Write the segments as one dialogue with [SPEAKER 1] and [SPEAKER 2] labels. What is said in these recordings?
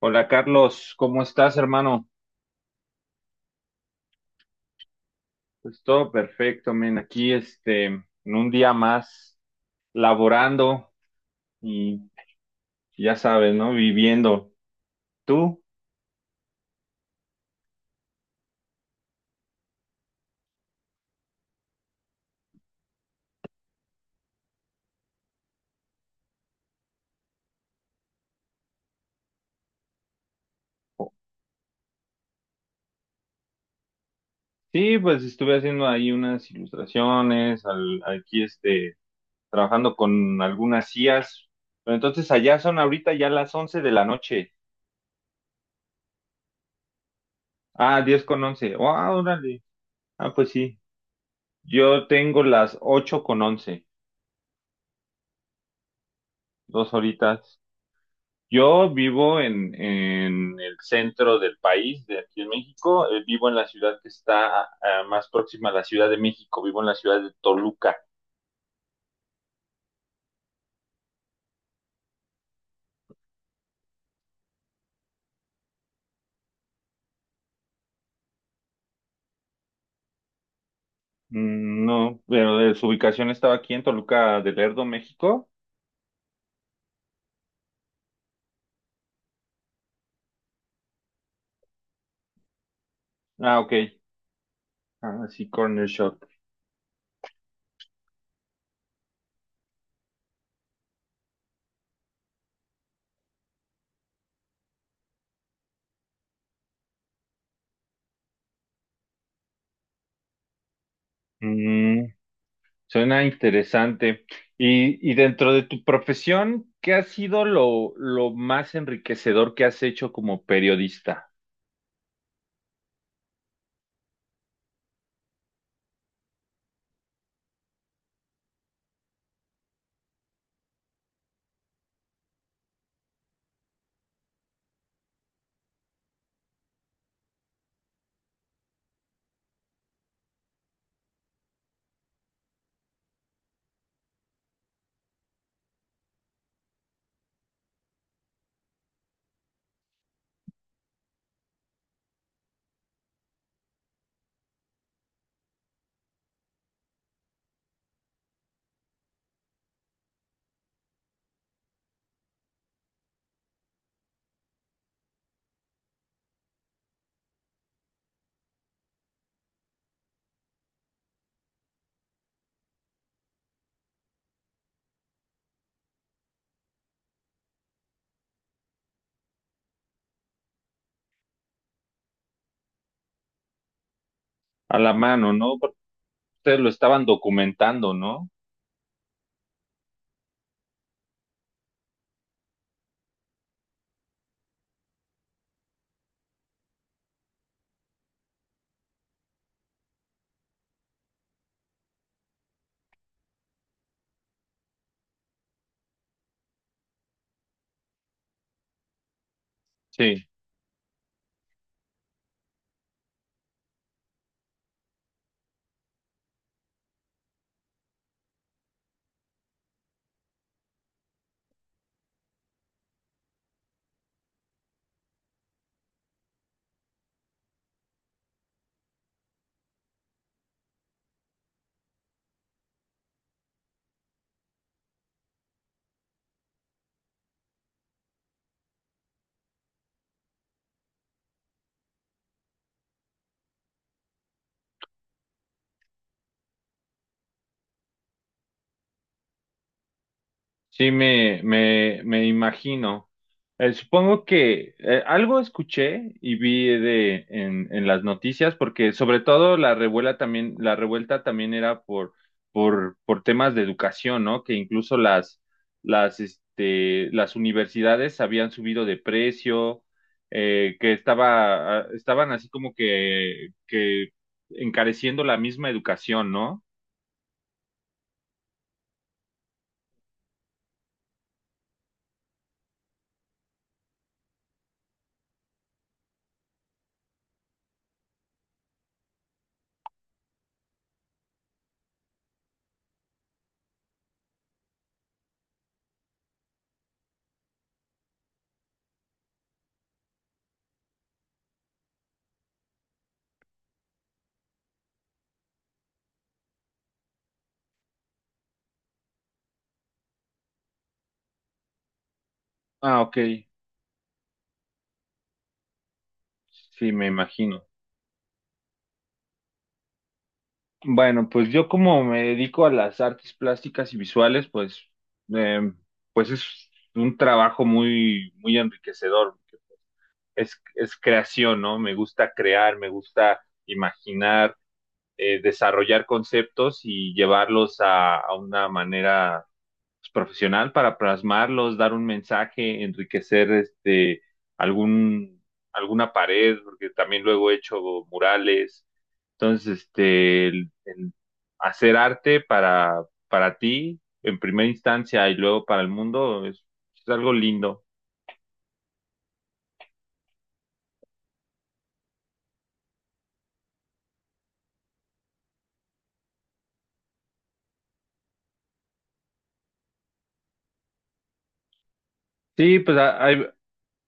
[SPEAKER 1] Hola Carlos, ¿cómo estás, hermano? Pues todo perfecto, men. Aquí, este, en un día más laborando y ya sabes, ¿no? Viviendo. ¿Tú? Sí, pues estuve haciendo ahí unas ilustraciones, aquí, este, trabajando con algunas IAs. Pero entonces allá son ahorita ya las 11 de la noche. Ah, 10:11. Ah, órale. Ah, pues sí. Yo tengo las 8:11, 2 horitas. Yo vivo en el centro del país, de aquí en México. Vivo en la ciudad que está más próxima a la Ciudad de México. Vivo en la ciudad de Toluca. Mm, no, pero su ubicación estaba aquí en Toluca de Lerdo, México. Ah, ok. Ah, sí, Corner Shop. Mm, suena interesante. Y dentro de tu profesión, ¿qué ha sido lo más enriquecedor que has hecho como periodista? A la mano, ¿no? Porque ustedes lo estaban documentando, ¿no? Sí. Sí, me imagino. Supongo que algo escuché y vi de en las noticias, porque sobre todo la revuelta también era por, temas de educación, ¿no? Que incluso este, las universidades habían subido de precio, que estaban así como que encareciendo la misma educación, ¿no? Ah, ok. Sí, me imagino. Bueno, pues yo como me dedico a las artes plásticas y visuales, em, pues es un trabajo muy, muy enriquecedor. Es creación, ¿no? Me gusta crear, me gusta imaginar, desarrollar conceptos y llevarlos a una manera pues, profesional para plasmarlos, dar un mensaje, enriquecer este algún alguna pared, porque también luego he hecho murales entonces, este, el hacer arte para, ti en primera instancia y luego para el mundo es algo lindo. Sí, pues a- hay,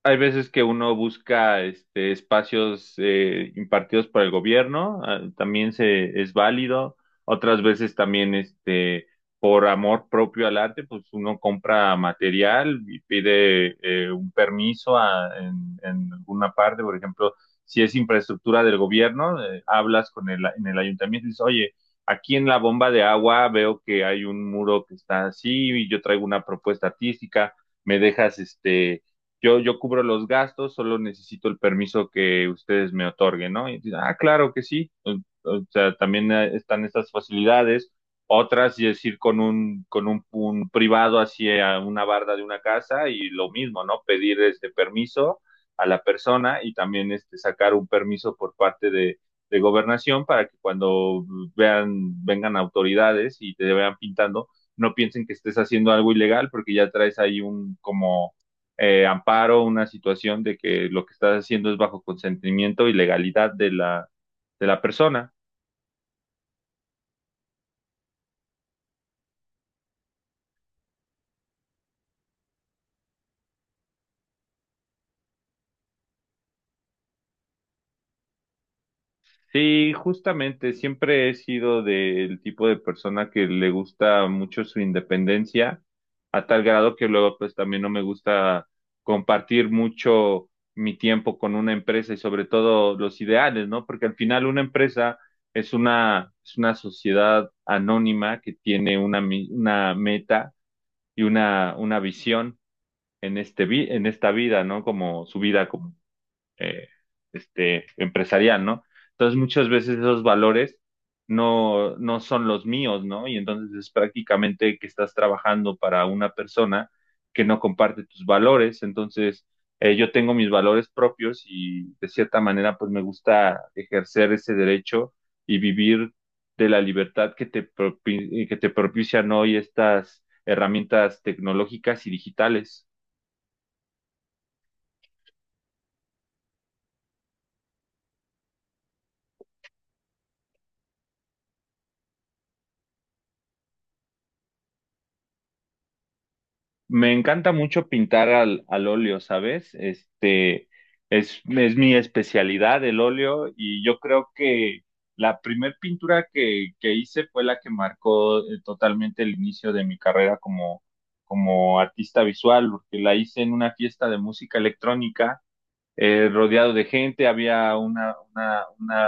[SPEAKER 1] Hay veces que uno busca este, espacios impartidos por el gobierno, también es válido. Otras veces también este, por amor propio al arte, pues uno compra material y pide un permiso en alguna parte. Por ejemplo, si es infraestructura del gobierno, hablas en el ayuntamiento y dices, oye, aquí en la bomba de agua veo que hay un muro que está así y yo traigo una propuesta artística, me dejas este yo cubro los gastos, solo necesito el permiso que ustedes me otorguen, ¿no? Y dice, ah, claro que sí. O sea, también están estas facilidades. Otras, es ir con un privado hacia una barda de una casa y lo mismo, ¿no? Pedir este permiso a la persona y también este, sacar un permiso por parte de gobernación para que cuando vengan autoridades y te vean pintando, no piensen que estés haciendo algo ilegal porque ya traes ahí un como amparo, una situación de que lo que estás haciendo es bajo consentimiento y legalidad de la persona. Sí, justamente, siempre he sido del tipo de persona que le gusta mucho su independencia, a tal grado que luego pues también no me gusta compartir mucho mi tiempo con una empresa y sobre todo los ideales, ¿no? Porque al final una empresa es una, sociedad anónima que tiene una meta y una visión en esta vida, ¿no? Como su vida como eh, este empresarial, ¿no? Entonces muchas veces esos valores no, no son los míos, ¿no? Y entonces es prácticamente que estás trabajando para una persona que no comparte tus valores. Entonces, yo tengo mis valores propios y de cierta manera, pues me gusta ejercer ese derecho y vivir de la libertad que te propician hoy estas herramientas tecnológicas y digitales. Me encanta mucho pintar al óleo, ¿sabes? Este es mi especialidad, el óleo, y yo creo que la primer pintura que hice fue la que marcó totalmente el inicio de mi carrera como artista visual, porque la hice en una fiesta de música electrónica rodeado de gente, había una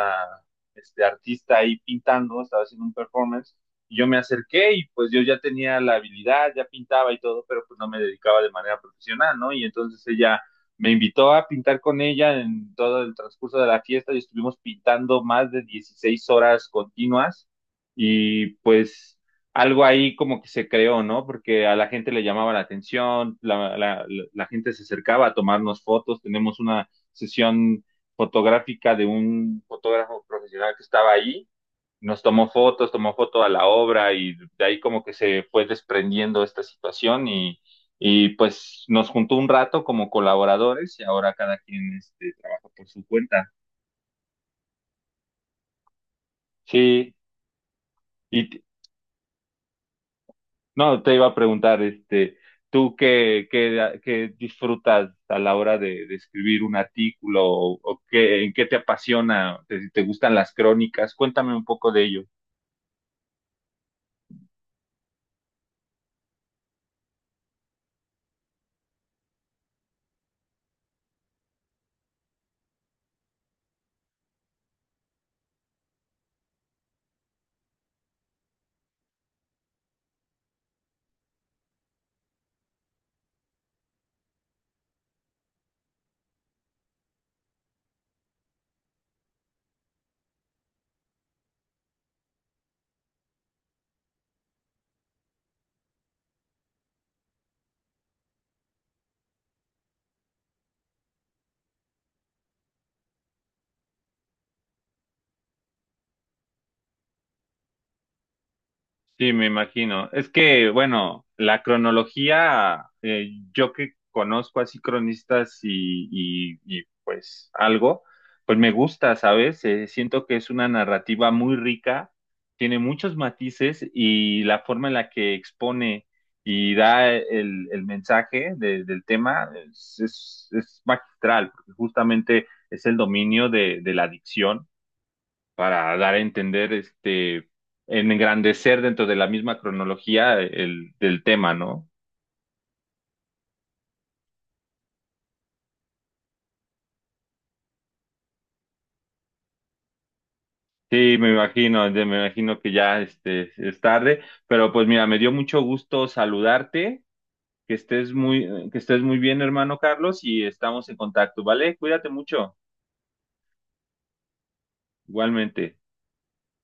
[SPEAKER 1] este, artista ahí pintando, estaba haciendo un performance, y yo me acerqué y pues yo ya tenía la habilidad, ya pintaba y todo, pero pues no me dedicaba de manera profesional, ¿no? Y entonces ella me invitó a pintar con ella en todo el transcurso de la fiesta y estuvimos pintando más de 16 horas continuas y algo ahí como que se creó, ¿no? Porque a la gente le llamaba la atención, la gente se acercaba a tomarnos fotos, tenemos una sesión fotográfica de un fotógrafo profesional que estaba ahí, nos tomó fotos, tomó foto a la obra y de ahí como que se fue desprendiendo esta situación y pues nos juntó un rato como colaboradores y ahora cada quien este, trabaja por su cuenta. Sí, y, No, te iba a preguntar, este, ¿tú qué, disfrutas a la hora de escribir un artículo o qué, en qué te apasiona? ¿Te gustan las crónicas? Cuéntame un poco de ello. Sí, me imagino. Es que, bueno, la cronología, yo que conozco así cronistas y, pues algo, pues me gusta, ¿sabes? Siento que es una narrativa muy rica, tiene muchos matices y la forma en la que expone y da el mensaje del tema es, magistral, porque justamente es el dominio de la dicción para dar a entender, este, engrandecer dentro de la misma cronología del tema, ¿no? Sí, me imagino, ya me imagino que ya este, es tarde, pero pues mira, me dio mucho gusto saludarte, que estés muy bien, hermano Carlos, y estamos en contacto, ¿vale? Cuídate mucho, igualmente.